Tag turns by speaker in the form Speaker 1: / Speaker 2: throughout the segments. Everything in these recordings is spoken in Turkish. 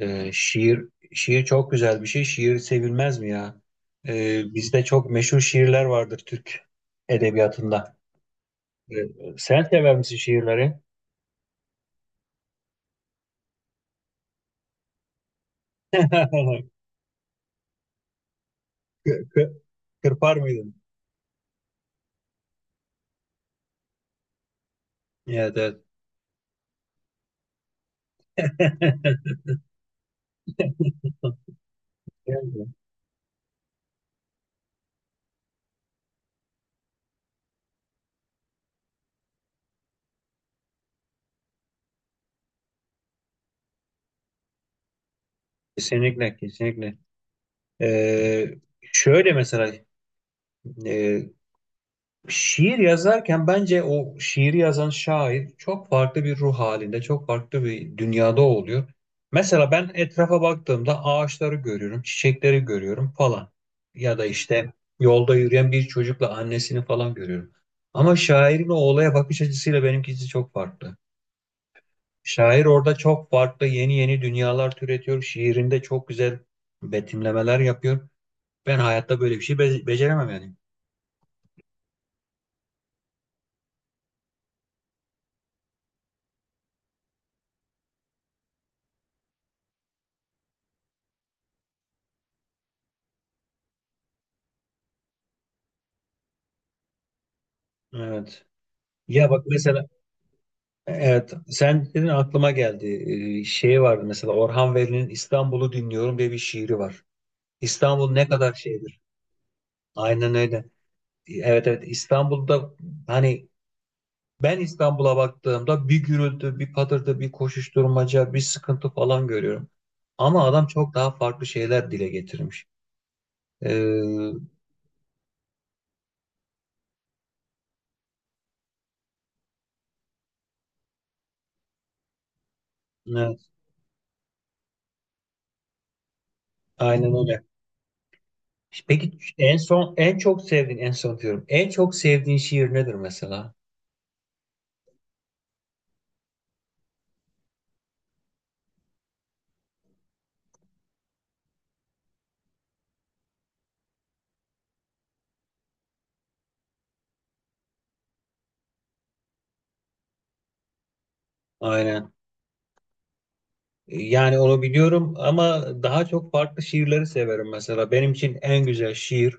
Speaker 1: Ee, şiir şiir çok güzel bir şey. Şiir sevilmez mi ya? Bizde çok meşhur şiirler vardır Türk edebiyatında. Ee, Sen sever misin şiirleri? Kı- kı- Kırpar mıydın? Evet, evet. Kesinlikle, kesinlikle. Ee, Şöyle mesela, e, şiir yazarken bence o şiiri yazan şair çok farklı bir ruh halinde, çok farklı bir dünyada oluyor. Mesela ben etrafa baktığımda ağaçları görüyorum, çiçekleri görüyorum falan. Ya da işte yolda yürüyen bir çocukla annesini falan görüyorum. Ama şairin o olaya bakış açısıyla benimkisi çok farklı. Şair orada çok farklı yeni yeni dünyalar türetiyor. Şiirinde çok güzel betimlemeler yapıyor. Ben hayatta böyle bir şey beceremem yani. Evet. Ya bak mesela, evet, sen dedin aklıma geldi. Şey vardı mesela, Orhan Veli'nin İstanbul'u dinliyorum diye bir şiiri var. İstanbul ne kadar şeydir. Aynen öyle. Evet, evet, İstanbul'da hani ben İstanbul'a baktığımda bir gürültü, bir patırtı, bir koşuşturmaca, bir sıkıntı falan görüyorum. Ama adam çok daha farklı şeyler dile getirmiş. Ee, evet, aynen öyle. Peki en son en çok sevdiğin, en son diyorum, en çok sevdiğin şiir nedir mesela? Aynen. Yani onu biliyorum ama daha çok farklı şiirleri severim mesela. Benim için en güzel şiir,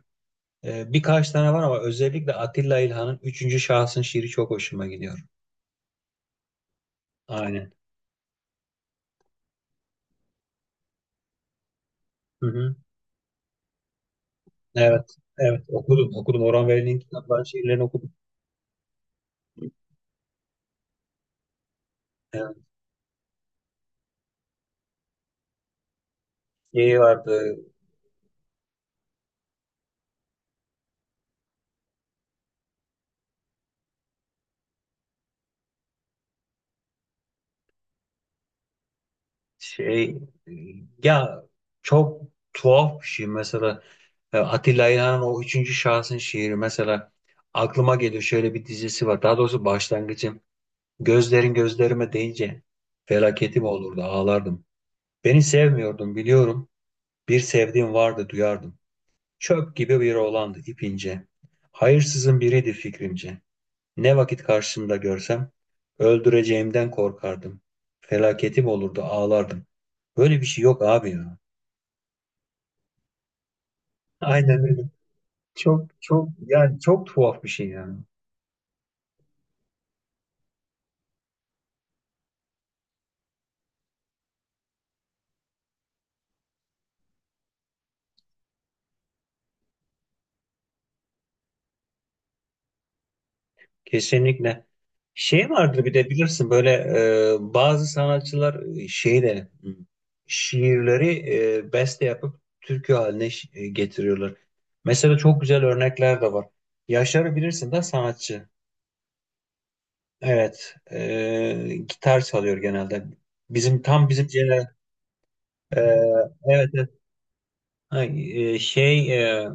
Speaker 1: birkaç tane var ama özellikle Atilla İlhan'ın Üçüncü Şahsın şiiri çok hoşuma gidiyor. Aynen. Hı hı. Evet, evet, okudum, okudum. Orhan Veli'nin kitaplarını, şiirlerini okudum. Yani şey vardı, şey, e, ya, çok tuhaf bir şey mesela. E, Atilla İlhan'ın o üçüncü şahsın şiiri mesela aklıma geliyor. Şöyle bir dizisi var. Daha doğrusu başlangıcım. Gözlerin gözlerime değince felaketim olurdu, ağlardım. Beni sevmiyordum biliyorum. Bir sevdiğim vardı duyardım. Çöp gibi bir oğlandı ipince. Hayırsızın biriydi fikrimce. Ne vakit karşımda görsem öldüreceğimden korkardım. Felaketim olurdu, ağlardım. Böyle bir şey yok abi ya. Aynen öyle. Çok çok, yani çok tuhaf bir şey yani. Kesinlikle. Şey vardır bir de bilirsin böyle, bazı sanatçılar şeyle hı, şiirleri beste yapıp türkü haline getiriyorlar. Mesela çok güzel örnekler de var. Yaşar'ı bilirsin de sanatçı. Evet, gitar çalıyor genelde. Bizim tam bizim jener, e, evet, evet. Ha, e, şey e,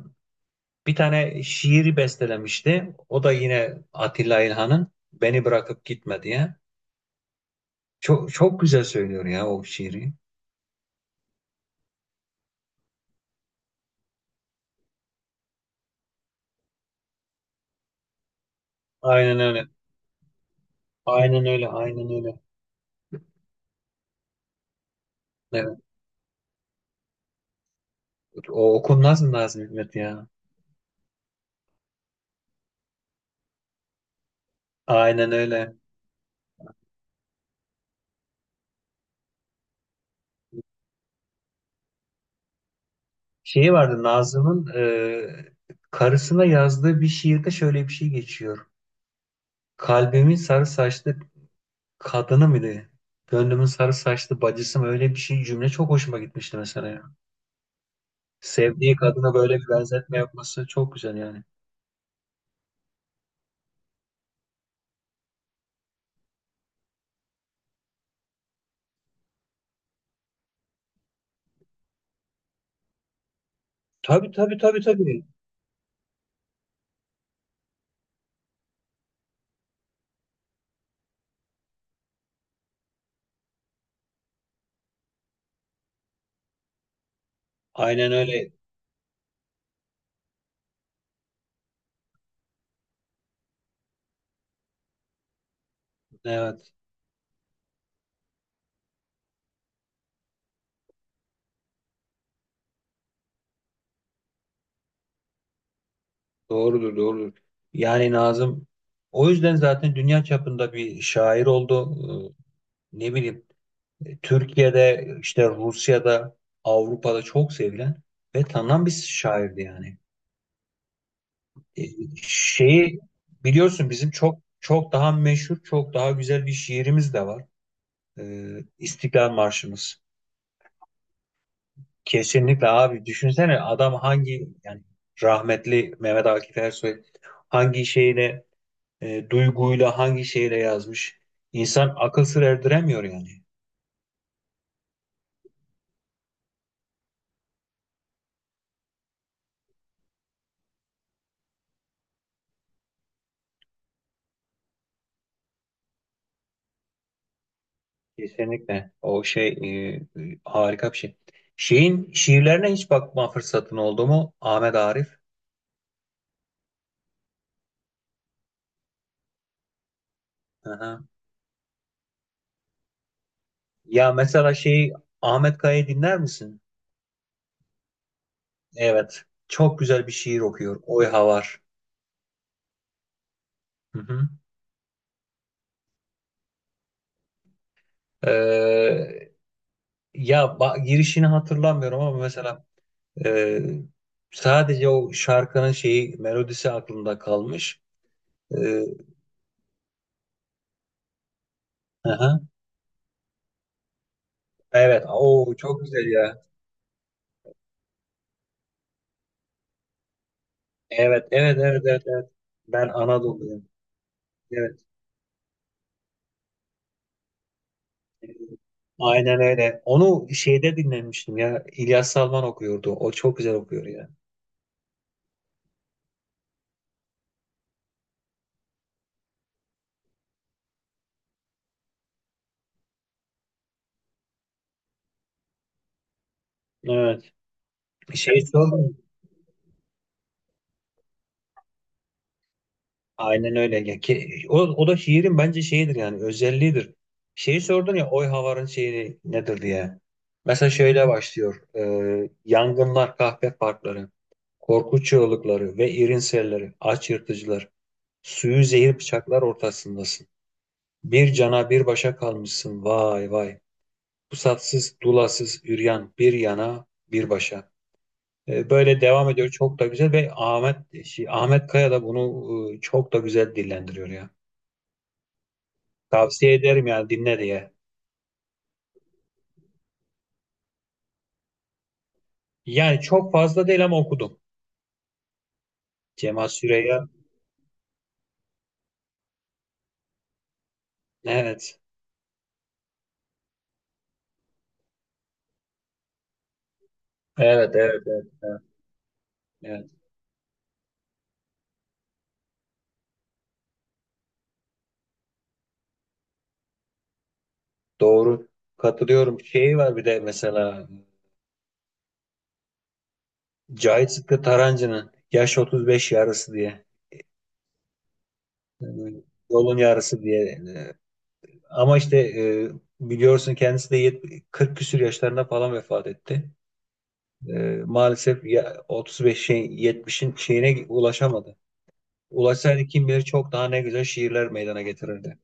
Speaker 1: bir tane şiiri bestelemişti. O da yine Atilla İlhan'ın Beni Bırakıp Gitme diye. Çok çok güzel söylüyor ya o şiiri. Aynen öyle. Aynen öyle. Aynen öyle. Evet. O okunmaz mı Nazım Hikmet ya? Aynen öyle. Şeyi vardı Nazım'ın, karısına yazdığı bir şiirde şöyle bir şey geçiyor. Kalbimin sarı saçlı kadını mıydı? Gönlümün sarı saçlı bacısı mı? Öyle bir şey cümle çok hoşuma gitmişti mesela ya. Sevdiği kadına böyle bir benzetme yapması çok güzel yani. Tabii, tabii, tabii, tabii. Aynen öyle. Evet. Doğrudur, doğrudur. Yani Nazım o yüzden zaten dünya çapında bir şair oldu. Ne bileyim, Türkiye'de işte, Rusya'da, Avrupa'da çok sevilen ve tanınan bir şairdi yani. E, şeyi biliyorsun, bizim çok çok daha meşhur, çok daha güzel bir şiirimiz de var. E, İstiklal Marşımız. Kesinlikle abi, düşünsene adam hangi yani, rahmetli Mehmet Akif Ersoy hangi şeyle, duyguyla, hangi şeyle yazmış. İnsan akıl sır erdiremiyor yani. Kesinlikle. O şey e, e, Harika bir şey. Şeyin şiirlerine hiç bakma fırsatın oldu mu? Ahmet Arif. Hı. Ya mesela şey, Ahmet Kaya'yı dinler misin? Evet. Çok güzel bir şiir okuyor. Oyha var. Hı hı. Ee, Ya, girişini hatırlamıyorum ama mesela, e, sadece o şarkının şeyi melodisi aklımda kalmış. Ee, hı hı. Evet. O çok güzel ya. Evet, evet, evet, evet, evet. Ben Anadolu'yum. Evet. Aynen öyle. Onu şeyde dinlemiştim ya. İlyas Salman okuyordu. O çok güzel okuyor ya. Evet. Şey sor. Aynen öyle. Ya ki, o, o da şiirin bence şeyidir yani, özelliğidir. Şeyi sordun ya, oy havarın şeyi nedir diye. Mesela şöyle başlıyor. Yangınlar, kahpe parkları, korku çığlıkları ve irin selleri, aç yırtıcılar, suyu zehir bıçaklar ortasındasın. Bir cana bir başa kalmışsın vay vay. Pusatsız, dulasız, üryan bir yana, bir başa. Böyle devam ediyor, çok da güzel ve Ahmet, şey, Ahmet Kaya da bunu, çok da güzel dillendiriyor ya. Tavsiye ederim yani, dinle diye. Yani çok fazla değil ama okudum. Cemal Süreya. Evet. Evet, evet, evet, evet. Evet. Doğru. Katılıyorum. Şeyi var bir de mesela, Cahit Sıtkı Tarancı'nın Yaş 35 Yarısı diye. Ee, Yolun Yarısı diye. Ama işte, biliyorsun kendisi de 40 küsür yaşlarında falan vefat etti. Ee, Maalesef ya, 35'in 70'in şeyine ulaşamadı. Ulaşsaydı kim bilir çok daha ne güzel şiirler meydana getirirdi.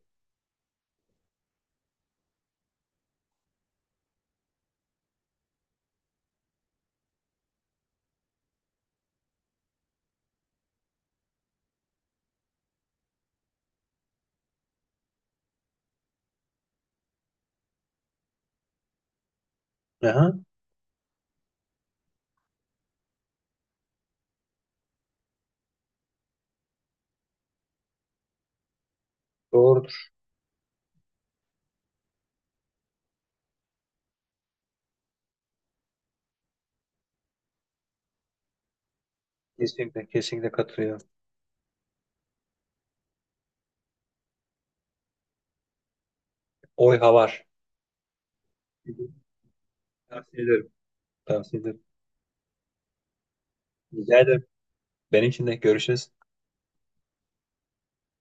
Speaker 1: Aha. Doğrudur. Kesinlikle, kesinlikle katılıyorum. Oy havar. Tavsiye ederim. Tavsiye ederim. Rica ederim. Benim için de görüşürüz.